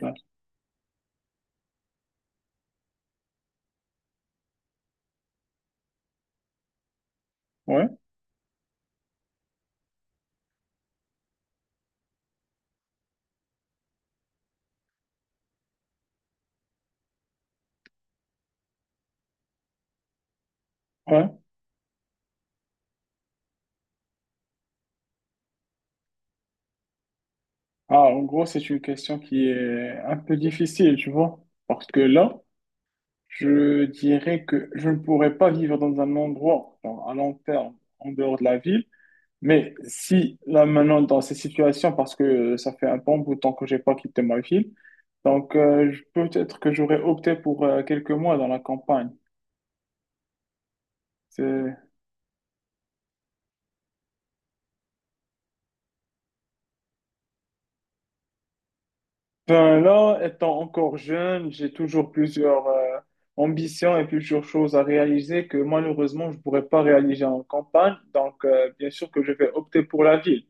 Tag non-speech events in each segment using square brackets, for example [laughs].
Ouais, ouais, ouais. Ah, en gros, c'est une question qui est un peu difficile, tu vois, parce que là, je dirais que je ne pourrais pas vivre dans un endroit, genre, à long terme, en dehors de la ville, mais si, là, maintenant, dans ces situations, parce que ça fait un bon bout de temps que j'ai pas quitté ma ville, donc peut-être que j'aurais opté pour quelques mois dans la campagne. Ben là, étant encore jeune, j'ai toujours plusieurs ambitions et plusieurs choses à réaliser que malheureusement, je ne pourrais pas réaliser en campagne. Donc, bien sûr que je vais opter pour la ville.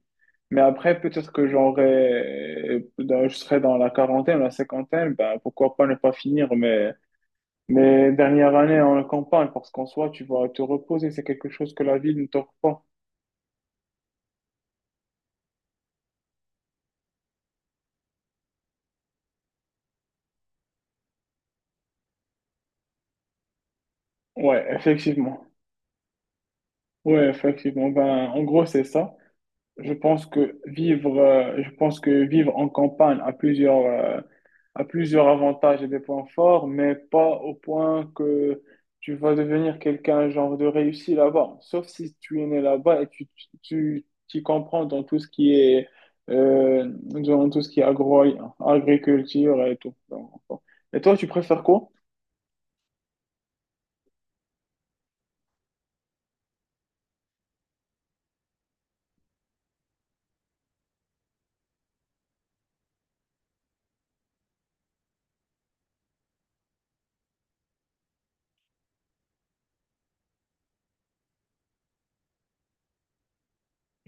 Mais après, peut-être que je serai dans la quarantaine, la cinquantaine, ben, pourquoi pas ne pas finir mes dernières années en campagne, parce qu'en soi, tu vas te reposer, c'est quelque chose que la ville ne t'offre pas. Ouais, effectivement. Ouais, effectivement. Ben, en gros, c'est ça. Je pense que vivre en campagne a a plusieurs avantages et des points forts, mais pas au point que tu vas devenir quelqu'un genre de réussi là-bas. Sauf si tu es né là-bas et tu t'y comprends dans tout ce qui est, dans tout ce qui est agro, agriculture et tout. Donc, bon. Et toi, tu préfères quoi?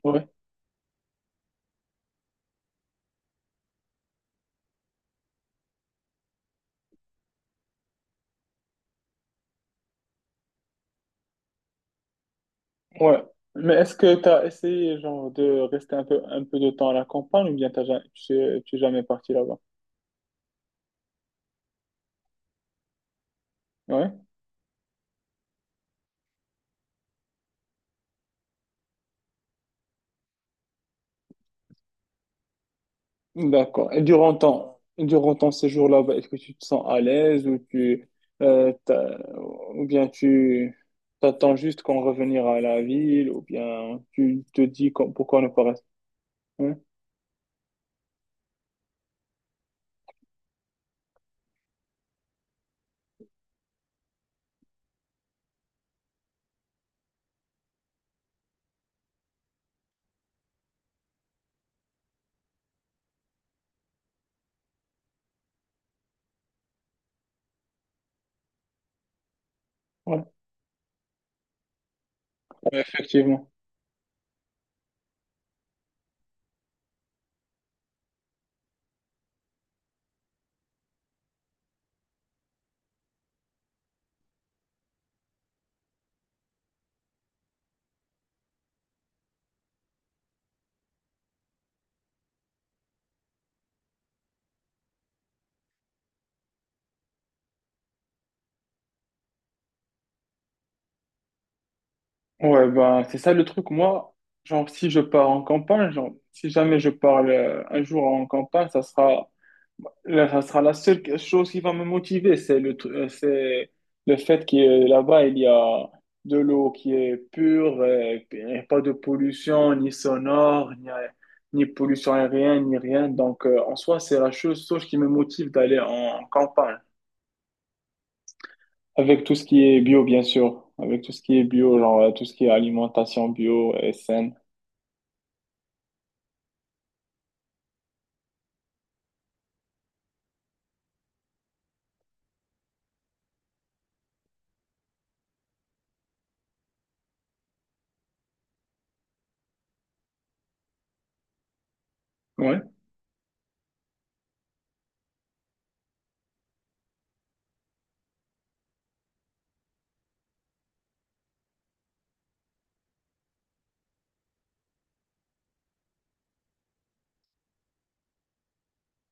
Ouais. Ouais. Mais est-ce que tu as essayé genre de rester un peu de temps à la campagne ou bien tu es jamais parti là-bas? Ouais. D'accord. Et durant ton séjour là-bas, est-ce que tu te sens à l'aise ou euh, t'as- ou bien tu t'attends juste qu'on revenir à la ville ou bien tu te dis qu'on- pourquoi ne pas rester? Ouais. Ouais, ouais, effectivement. Ouais, ben, c'est ça le truc. Moi, genre, si je pars en campagne, genre, si jamais je pars un jour en campagne, ça sera la seule chose qui va me motiver. C'est c'est le fait que là-bas, il y a de l'eau qui est pure, et puis, pas de pollution, ni sonore, ni pollution aérienne, ni rien. Donc, en soi, c'est chose qui me motive d'aller en campagne. Avec tout ce qui est bio, bien sûr. Avec tout ce qui est bio, genre tout ce qui est alimentation bio et saine. Ouais.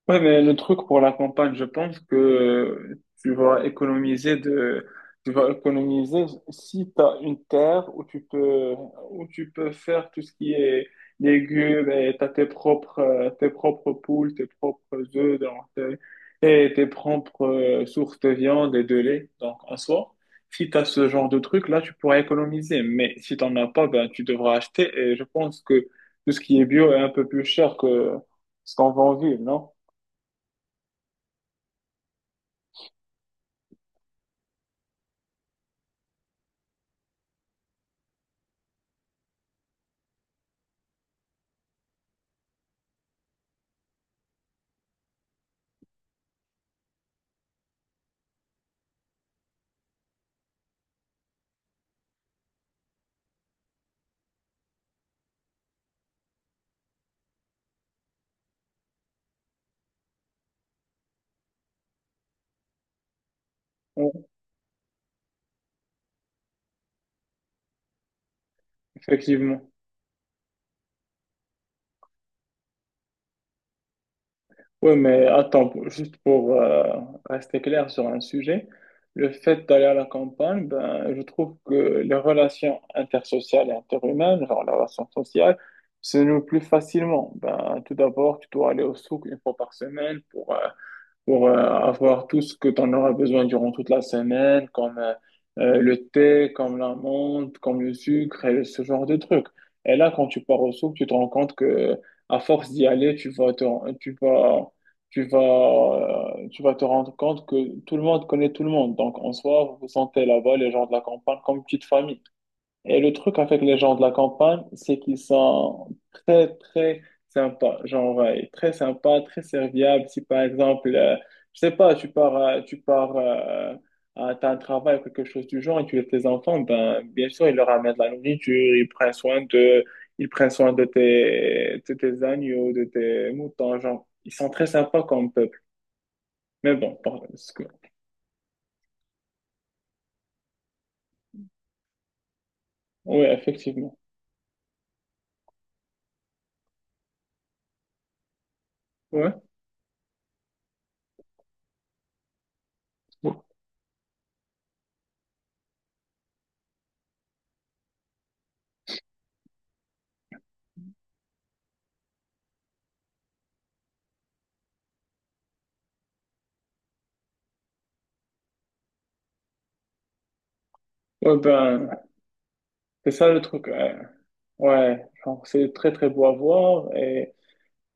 Ouais, mais le truc pour la campagne, je pense que tu vas économiser si tu as une terre où tu peux faire tout ce qui est légumes et tu as tes propres poules, tes propres œufs donc, et tes propres sources de viande et de lait. Donc, en soi, si tu as ce genre de truc, là, tu pourras économiser. Mais si tu n'en as pas, ben, tu devras acheter. Et je pense que tout ce qui est bio est un peu plus cher que ce qu'on vend en ville, non? Ouais, effectivement. Oui, mais attends, juste pour rester clair sur un sujet, le fait d'aller à la campagne, ben, je trouve que les relations intersociales et interhumaines, genre la relation sociale, se nouent plus facilement. Ben, tout d'abord, tu dois aller au souk une fois par semaine pour avoir tout ce que tu en auras besoin durant toute la semaine, comme le thé, comme l'amande, comme le sucre et ce genre de trucs. Et là, quand tu pars au souk, tu te rends compte que à force d'y aller, tu vas, tu vas te rendre compte que tout le monde connaît tout le monde. Donc, en soi, vous vous sentez là-bas les gens de la campagne comme une petite famille. Et le truc avec les gens de la campagne, c'est qu'ils sont très, très sympas. Genre, très sympas, très serviables. Si par exemple, je sais pas, tu pars, à t'as un travail ou quelque chose du genre et tu laisses tes enfants, ben, bien sûr, ils leur amènent de la nourriture, ils prennent soin de tes agneaux, de tes moutons. Genre, ils sont très sympas comme peuple. Mais bon, pardon, parce que, oui, effectivement. Ouais. Ouais, ben, c'est ça le truc. Ouais, genre, c'est très très beau à voir. Et...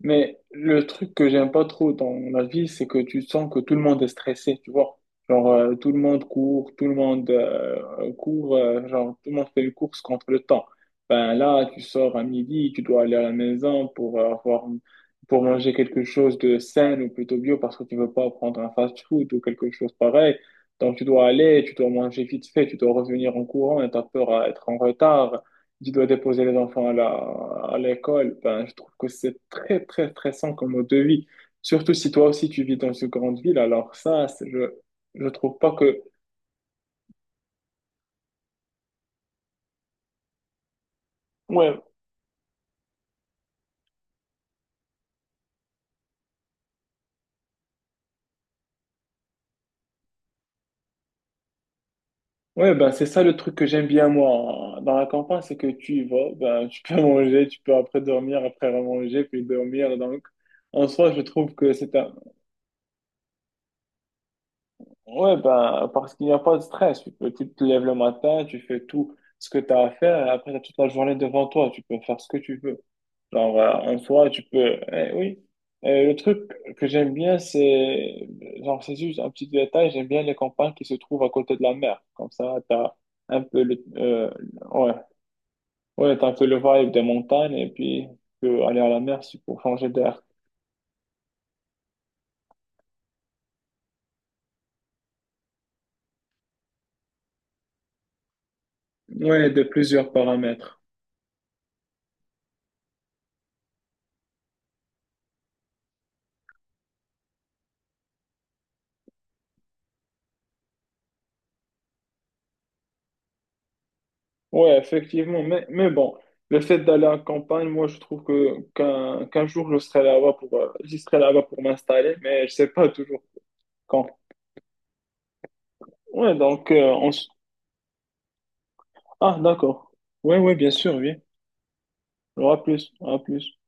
Mais le truc que j'aime pas trop dans la vie, c'est que tu sens que tout le monde est stressé, tu vois. Genre, tout le monde court, tout le monde court, genre, tout le monde fait une course contre le temps. Ben là, tu sors à midi, tu dois aller à la maison pour avoir, pour manger quelque chose de sain ou plutôt bio parce que tu veux pas prendre un fast-food ou quelque chose pareil. Donc, tu dois manger vite fait, tu dois revenir en courant et t'as peur à être en retard, tu dois déposer les enfants à l'école. Ben, je trouve que c'est très, très stressant comme mode de vie. Surtout si toi aussi tu vis dans une grande ville, alors ça, je trouve pas que. Ouais, ouais, ben, c'est ça le truc que j'aime bien, moi, dans la campagne, c'est que tu y vas, ben, tu peux [laughs] manger, tu peux après dormir, après remanger, puis dormir. Donc, en soi, je trouve que c'est un. Ouais, ben, parce qu'il n'y a pas de stress. Tu te lèves le matin, tu fais tout ce que tu as à faire, et après, tu as toute la journée devant toi, tu peux faire ce que tu veux. Genre, en soi, tu peux. Eh oui. Le truc que j'aime bien, c'est. Genre, c'est juste un petit détail. J'aime bien les campagnes qui se trouvent à côté de la mer. Comme ça, t'as un peu le. Euh, ouais. Ouais, t'as un peu le vibe des montagnes et puis tu peux aller à la mer si- pour changer d'air. Ouais, de plusieurs paramètres. Ouais, effectivement. Mais bon, le fait d'aller en campagne, moi, je trouve que qu'un jour, je serai là-bas pour, j'y serai là-bas pour m'installer, mais je sais pas toujours quand. Ouais, donc, on, ah, d'accord. Ouais, ouais, bien sûr, oui. Alors, à plus, à plus.